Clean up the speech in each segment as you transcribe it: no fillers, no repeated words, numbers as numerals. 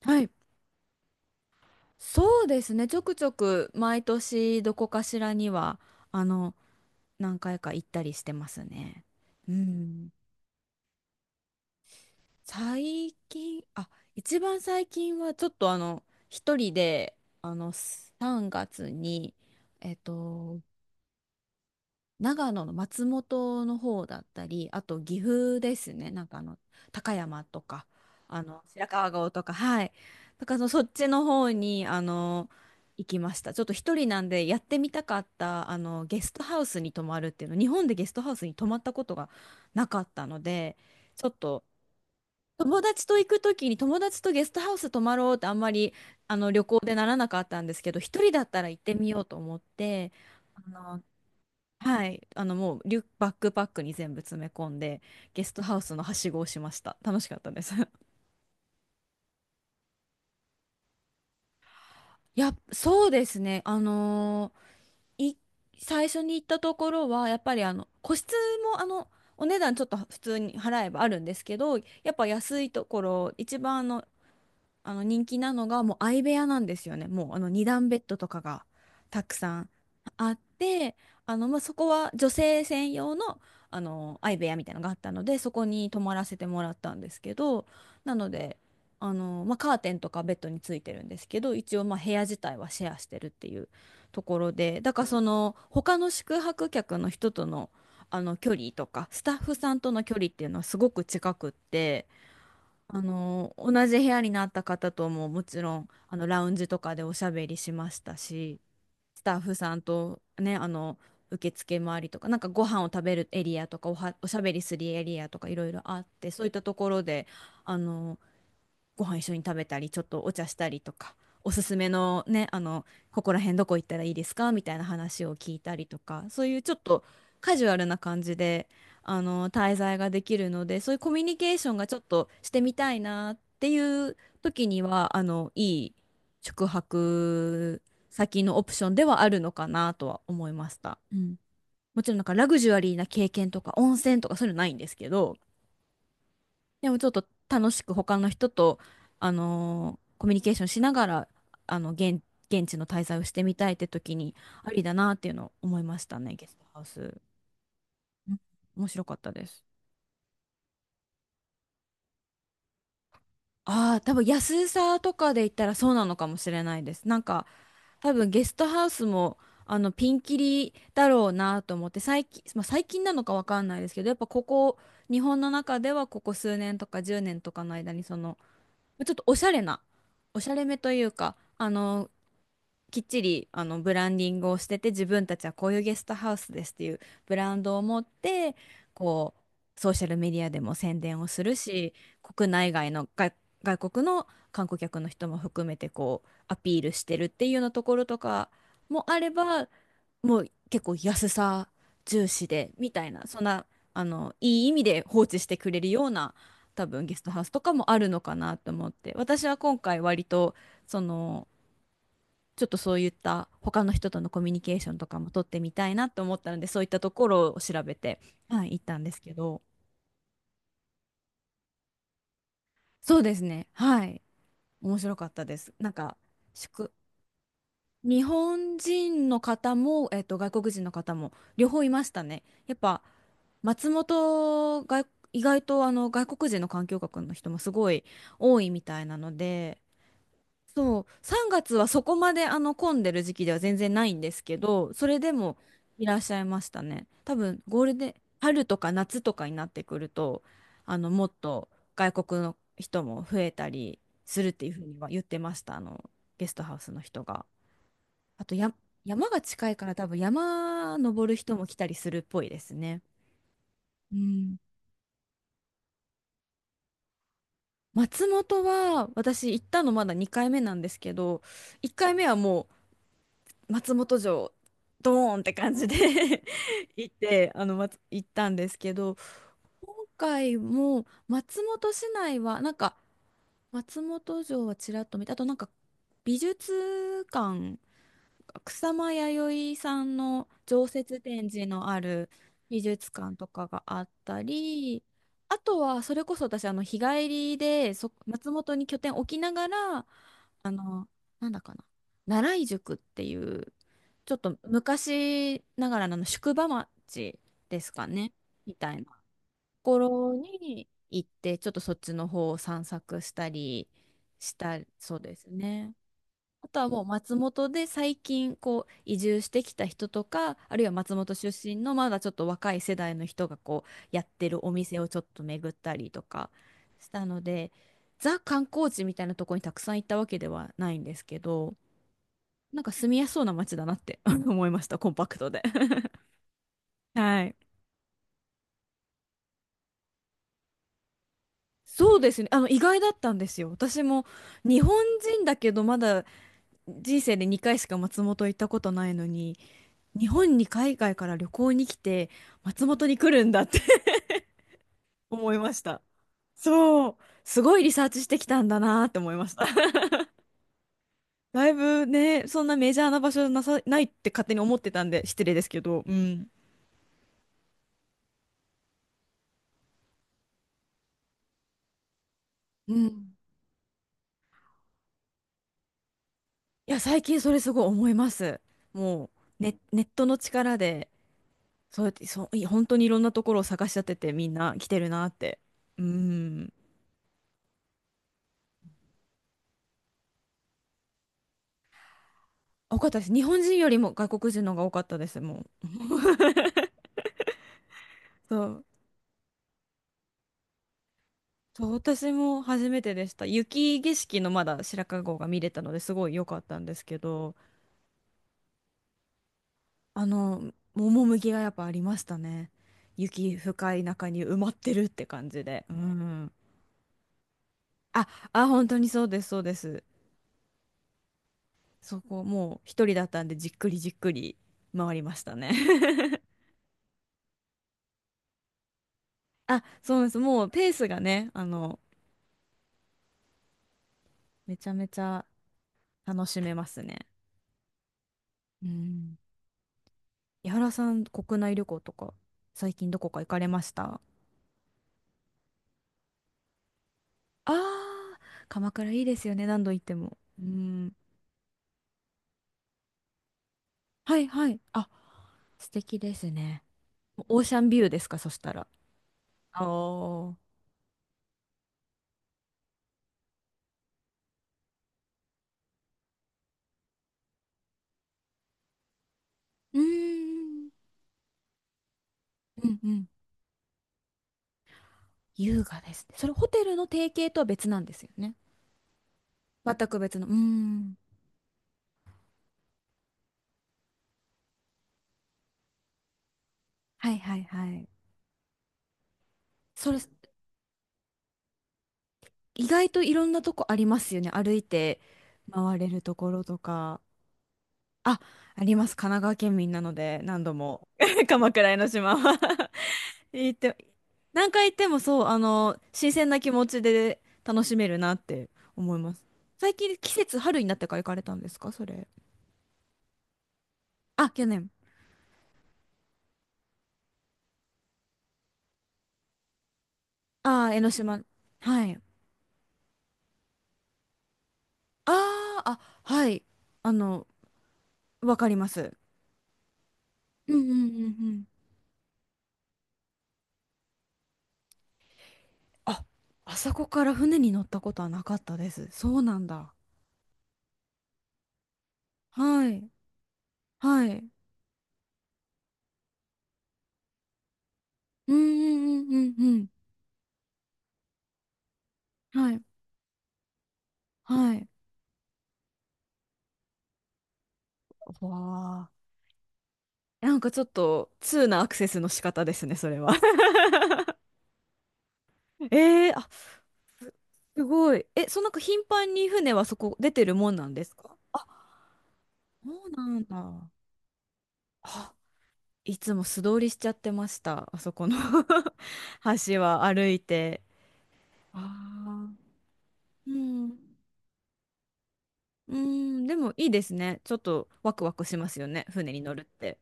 はい。そうですね。ちょくちょく毎年どこかしらには、あの、何回か行ったりしてますね。うん。最近、一番最近はちょっと一人で、3月に、えっと、長野の松本の方だったり、あと岐阜ですね、高山とか、白川郷とか、はい、だからそのそっちの方に行きました。ちょっと一人なんでやってみたかったゲストハウスに泊まるっていうの、日本でゲストハウスに泊まったことがなかったので、ちょっと友達と行く時に友達とゲストハウス泊まろうってあんまり旅行でならなかったんですけど、一人だったら行ってみようと思って。あのもうリュック、バックパックに全部詰め込んで、ゲストハウスのはしごをしました。楽しかったです。やっ、そうですね。あのーい、最初に行ったところは、やっぱり個室もお値段ちょっと普通に払えばあるんですけど、やっぱ安いところ、一番人気なのがもう相部屋なんですよね。もうあの二段ベッドとかがたくさんあって、まあそこは女性専用の、相部屋みたいなのがあったので、そこに泊まらせてもらったんですけど、なので、まあ、カーテンとかベッドについてるんですけど、一応まあ部屋自体はシェアしてるっていうところで、だからその他の宿泊客の人との、距離とか、スタッフさんとの距離っていうのはすごく近くって。同じ部屋になった方とももちろん、ラウンジとかでおしゃべりしましたし、スタッフさんとね、受付回りとか、なんかご飯を食べるエリアとか、おしゃべりするエリアとかいろいろあって、そういったところで、あの、ご飯一緒に食べたりちょっとお茶したりとか、おすすめのねここら辺どこ行ったらいいですかみたいな話を聞いたりとか、そういうちょっとカジュアルな感じで滞在ができるので、そういうコミュニケーションがちょっとしてみたいなっていう時にはいい宿泊先のオプションではあるのかなとは思いました。うん。もちろんなんかラグジュアリーな経験とか温泉とかそういうのないんですけど、でもちょっと楽しく他の人と、コミュニケーションしながら、あの、現、現地の滞在をしてみたいって時に、ありだなっていうのを思いましたね、ゲストハウス。うん、面白かったです。ああ、多分安さとかで言ったらそうなのかもしれないです。なんか、多分ゲストハウスも、ピンキリだろうなと思って、最近、まあ、最近なのかわかんないですけど、やっぱここ、日本の中ではここ数年とか10年とかの間に、その、ちょっとおしゃれな、おしゃれめというか、きっちりブランディングをしてて、自分たちはこういうゲストハウスですっていうブランドを持って、こう、ソーシャルメディアでも宣伝をするし、国内外の外、外国の観光客の人も含めてこう、アピールしてるっていうようなところとかもあれば、もう結構安さ重視でみたいな、そんないい意味で放置してくれるような、多分ゲストハウスとかもあるのかなと思って、私は今回割とその、ちょっとそういった他の人とのコミュニケーションとかも取ってみたいなと思ったので、そういったところを調べて、はい、行ったんですけど、そうですね、はい、面白かったです。なんか宿日本人の方も、外国人の方も両方いましたね。やっぱ松本が意外と外国人の環境学の人もすごい多いみたいなので、そう、3月はそこまで混んでる時期では全然ないんですけど、それでもいらっしゃいましたね。多分ゴールデン、春とか夏とかになってくると、もっと外国の人も増えたりするっていうふうには言ってました、ゲストハウスの人が。あとや、山が近いから多分山登る人も来たりするっぽいですね。うん。松本は私行ったのまだ2回目なんですけど、1回目はもう松本城ドーンって感じで 行ってあの、まつ、行ったんですけど、今回も松本市内はなんか松本城はちらっと見て、あとなんか美術館、草間彌生さんの常設展示のある美術館とかがあったり、あとはそれこそ私日帰りで松本に拠点置きながらあの、なんだかな。奈良井宿っていう、ちょっと昔ながらの宿場町ですかね、みたいなところに行って、ちょっとそっちの方を散策したりしたそうですね。あとはもう松本で最近こう移住してきた人とか、あるいは松本出身のまだちょっと若い世代の人がこうやってるお店をちょっと巡ったりとかしたので、ザ観光地みたいなとこにたくさん行ったわけではないんですけど、なんか住みやすそうな街だなって 思いました、コンパクトで。 はい。そうですね。意外だったんですよ。私も日本人だけど、まだ人生で2回しか松本行ったことないのに、日本に海外から旅行に来て松本に来るんだって 思いました。そう、すごいリサーチしてきたんだなって思いました。だいぶね、そんなメジャーな場所なないって勝手に思ってたんで失礼ですけど、うん。うん。いや、最近それすごい思います。もね、ネットの力で、そうやって、本当にいろんなところを探し当ててみんな来てるなって。うん。多かったです。日本人よりも外国人の方が多かったです、もう。そうそう、私も初めてでした。雪景色のまだ白川郷が見れたのですごい良かったんですけど、趣がやっぱありましたね。雪深い中に埋まってるって感じで。うん。本当にそうです、そうです。そこもう一人だったんでじっくりじっくり回りましたね。あ、そうです。もうペースがね、めちゃめちゃ楽しめますね。うん。井原さん、国内旅行とか最近どこか行かれました？ああ、鎌倉いいですよね、何度行っても。うん。はいはい。あ、素敵ですね。オーシャンビューですか、そしたら。おー。うーん。うんうん。優雅ですね。それホテルの提携とは別なんですよね。全く別の。うーん。はいはいはい。それ、意外といろんなとこありますよね。歩いて回れるところとか。あ、あります。神奈川県民なので、何度も 鎌倉江の島は 行って、何回行ってもそう、新鮮な気持ちで楽しめるなって思います。最近季節春になってから行かれたんですか、それ。あ、去年。ああ、江ノ島。はい。はい。あの、わかります。うんうんうんうん。あ、あそこから船に乗ったことはなかったです。そうなんだ。はい。はい。うんうんうんうんうん。はい。はい。わあ。なんかちょっと、通なアクセスの仕方ですね、それは。えー、あ、す、すごい。え、そう、なんか頻繁に船はそこ出てるもんなんですか？あ、そうなんだ。あ、いつも素通りしちゃってました。あそこの 橋は歩いて。ああ。うん。うん、でもいいですね。ちょっとワクワクしますよね。船に乗るって。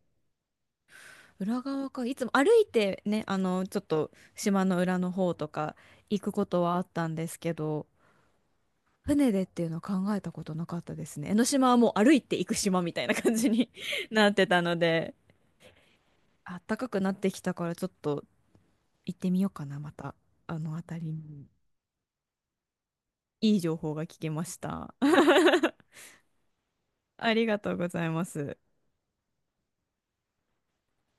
裏側か。いつも歩いてね、ちょっと島の裏の方とか行くことはあったんですけど、船でっていうのは考えたことなかったですね。江ノ島はもう歩いて行く島みたいな感じに なってたので、あったかくなってきたからちょっと行ってみようかな、また。あの辺りに。いい情報が聞けました。ありがとうございます。